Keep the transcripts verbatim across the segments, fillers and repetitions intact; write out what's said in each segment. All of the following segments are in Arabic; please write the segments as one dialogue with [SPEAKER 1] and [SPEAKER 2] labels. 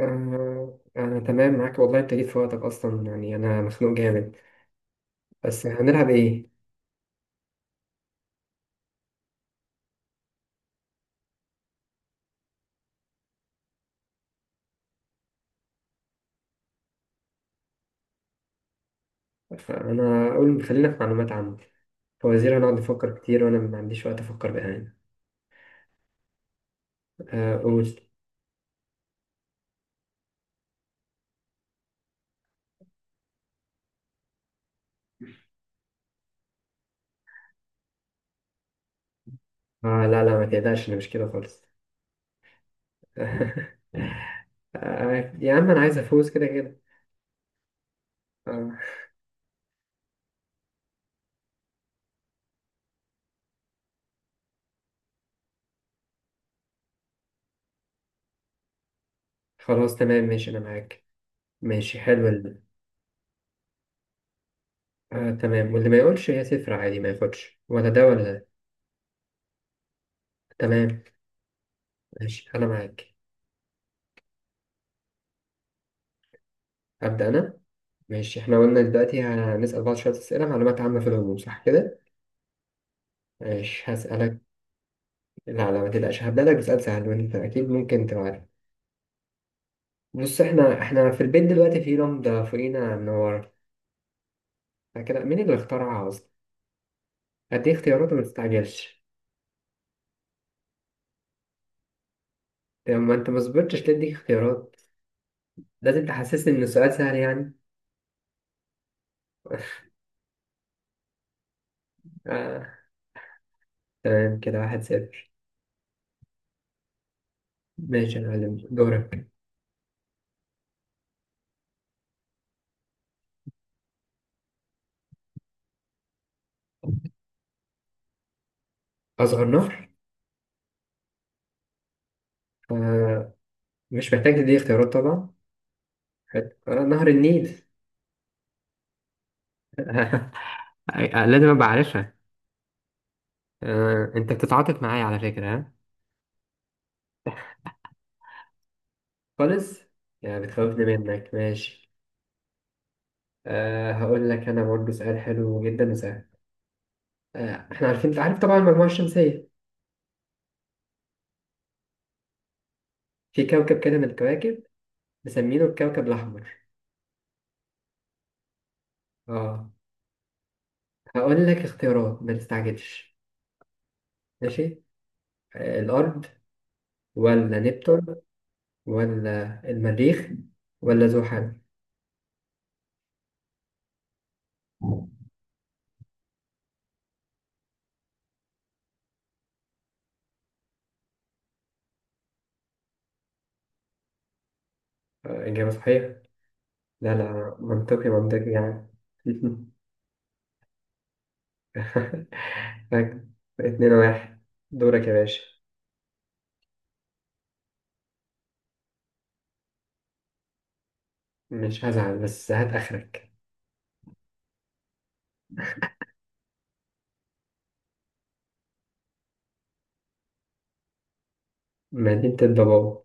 [SPEAKER 1] آه، أنا تمام معاك، والله أنت جيت في وقتك أصلا. يعني أنا مخنوق جامد. بس هنلعب إيه؟ أنا أقول خلينا في معلومات عامة. فوزير هنقعد نفكر كتير وأنا ما عنديش وقت أفكر بأمانة. آه، قول. آه، لا لا، ما تقلقش، أنا مش كده خالص. آه، يا عم، أنا عايز أفوز كده كده. آه، خلاص تمام ماشي، أنا معاك. ماشي حلو ال- آه تمام، واللي ما يقولش هي صفر عادي، ما ياخدش ولا ده ولا ده. تمام. ماشي أنا معاك. أبدأ أنا. ماشي، احنا قلنا دلوقتي هنسأل بعض شوية أسئلة معلومات عامة في العموم، صح كده؟ ماشي، هسألك. لا لا، ما تقلقش، هبدأ لك بسؤال سهل وانت أكيد ممكن تبقى عارف. بص، احنا احنا في البيت دلوقتي، في لمبة فوقينا منورة كده. مين اللي اخترعها أصلا؟ هديك اختيارات، وما تستعجلش. طب ما انت ما صبرتش ليه اديك اختيارات. لازم تحسسني إن السؤال سهل يعني. آه. تمام، كده واحد صفر. ماشي يا معلم، دورك. أصغر نهر؟ آه. مش محتاج تديك اختيارات طبعا. حلو. آه، نهر النيل. أي- لازم ابقى عارفها. آه، انت بتتعاطف معايا على فكرة، ها؟ خالص. يعني بتخوفني منك، ماشي. أه، هقول لك انا برضه سؤال حلو جدا وسهل. أه، احنا عارفين انت عارف طبعا المجموعة الشمسية. في كوكب كده من الكواكب، مسمينه الكوكب الاحمر. اه، هقول لك اختيارات، ما تستعجلش. ماشي. أه، الارض؟ ولا نبتون؟ ولا المريخ؟ ولا زحل؟ آه، اجابة صحيحة. لا لا، منطقي منطقي يعني. اتنين واحد. دورك يا باشا. مش هزعل، بس هات آخرك. مدينة الضباب؟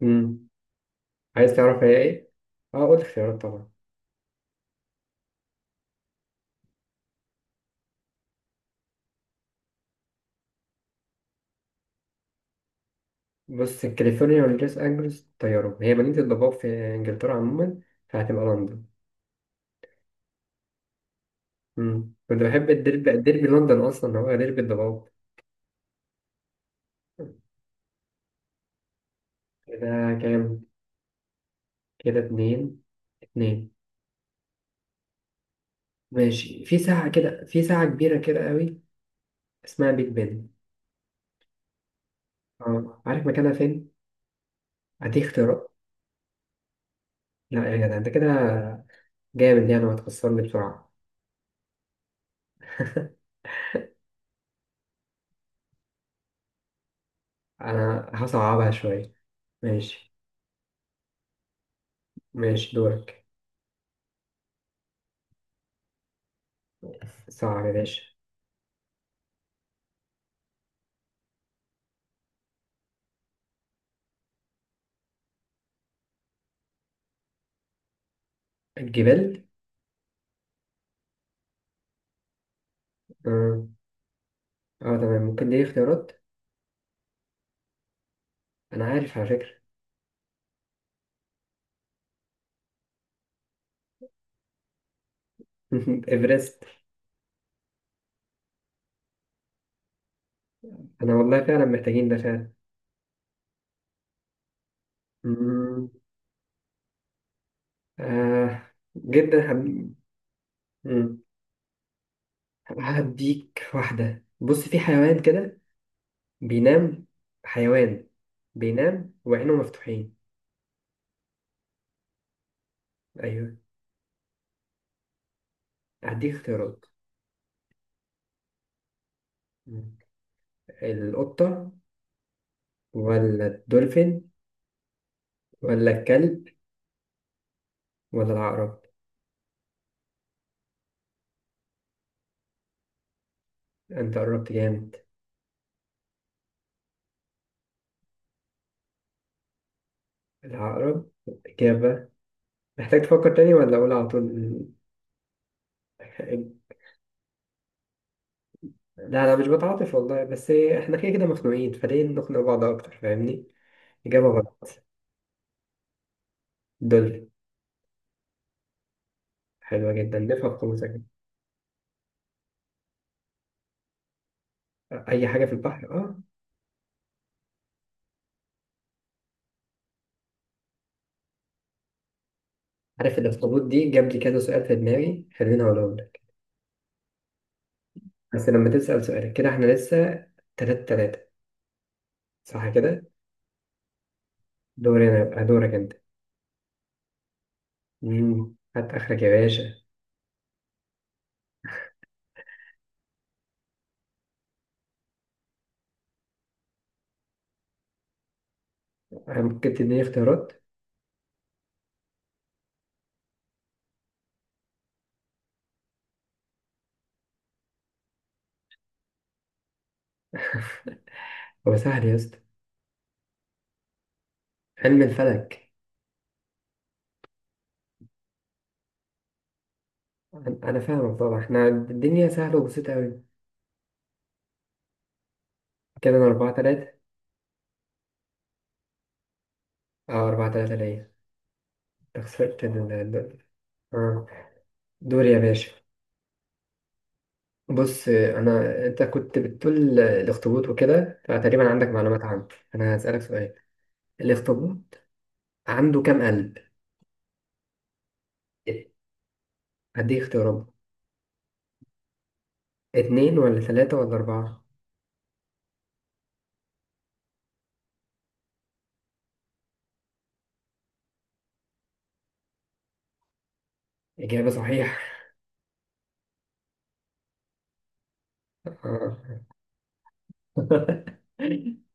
[SPEAKER 1] مم. عايز تعرف هي ايه؟ اه، قول اختيارات طبعا. بص، كاليفورنيا ولوس أنجلوس طيارة. هي مدينة الضباب في إنجلترا عموما، فهتبقى لندن. مم. كنت بحب الديربي. الديربي لندن أصلا هو ديربي الضباب. كده كام؟ كده اتنين اتنين. ماشي، في ساعة كده، في ساعة كبيرة كده قوي، اسمها بيج بن. اه، عارف مكانها فين؟ هديك اختيارات. لا يا جدع، انت كده جامد يعني، وهتخسرني بسرعة. انا هصعبها شوية. ماشي. ماشي، دورك. صعب يا باشا. الجبال؟ اه, آه تمام، ممكن دي اختيارات؟ انا عارف على فكرة. ايفرست. انا والله فعلا محتاجين ده فعلا. مم، آه جدا حب... مم، هديك واحدة. بص، في حيوان كده. بينام. حيوان. بينام وعينه مفتوحين. ايوه. هديك اختيارات. مم. القطة؟ ولا الدولفين؟ ولا الكلب؟ ولا العقرب؟ انت قربت جامد. العقرب؟ إجابة. محتاج تفكر تاني ولا أقول على طول؟ لا لا، مش بتعاطف والله، بس احنا كده كده مخنوقين، فليه نخنق بعض أكتر، فاهمني؟ إجابة غلط. دولفين. حلوة جدا، نفهم قوتك. أي حاجة في البحر، أه. عارف الأخطبوط دي جاب لي كذا سؤال في دماغي، خليني أقولهم لك. بس لما تسأل سؤالك كده، احنا لسه تلاتة تلاتة. صح كده. دوري أنا يبقى دورك أنت. مم، هات آخرك يا باشا. ممكن تديني اختيارات؟ هو سهل يا اسطى. علم الفلك. أنا أنا فاهمك طبعا، احنا الدنيا سهلة وبسيطة أوي. كده أنا أربعة تلاتة. أه، أربعة تلاتة ليا. أنت خسرت ال- ال- آه. دور يا باشا. بص، أنا أنت كنت بتقول الأخطبوط وكده، فتقريبا عندك معلومات عنه. أنا هسألك سؤال. الأخطبوط عنده كام قلب؟ هديك اختيارات. اتنين ولا تلاتة ولا أربعة؟ إجابة صحيحة. آه.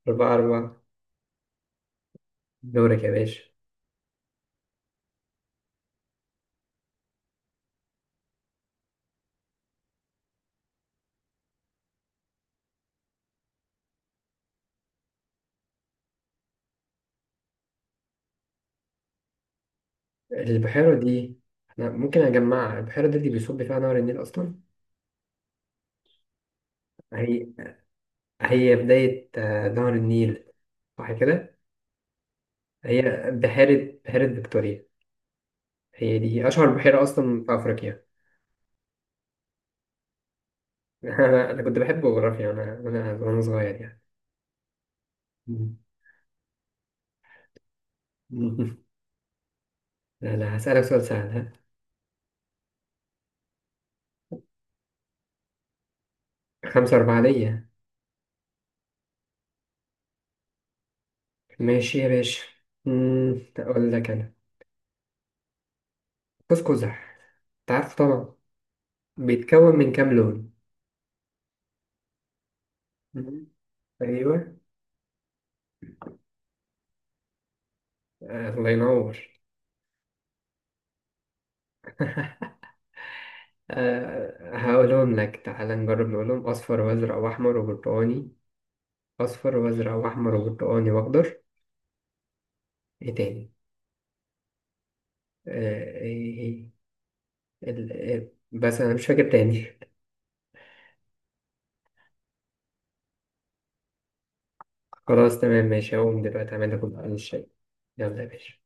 [SPEAKER 1] أربعة أربعة. دورك يا باشا. البحيرة دي؟ أنا ممكن أجمعها، البحيرة دي اللي بيصب فيها نهر النيل أصلا. هي هي بداية آه، نهر النيل، صح كده. هي بحيرة بحيرة فيكتوريا. هي دي أشهر بحيرة أصلا في أفريقيا. أنا أنا كنت بحب جغرافيا وأنا وأنا وأنا صغير يعني. مم. مم. لا لا، هسألك سؤال سهل، ها؟ خمسة أربعة ليا. ماشي يا باشا. مم، أقول لك أنا قوس قزح، أنت عارفه طبعا. بيتكون من كام لون؟ مم. أيوه. آه، الله ينور. أه، هقولهم لك. تعالى نجرب نقولهم: أصفر وأزرق وأحمر وبرتقاني. أصفر وأزرق وأحمر وبرتقاني وأخضر. إيه تاني؟ أه، إيه إيه. ال- إيه، بس أنا مش فاكر تاني. خلاص تمام ماشي، هقوم دلوقتي أعمل لك كل الشاي. يلا يا باشا.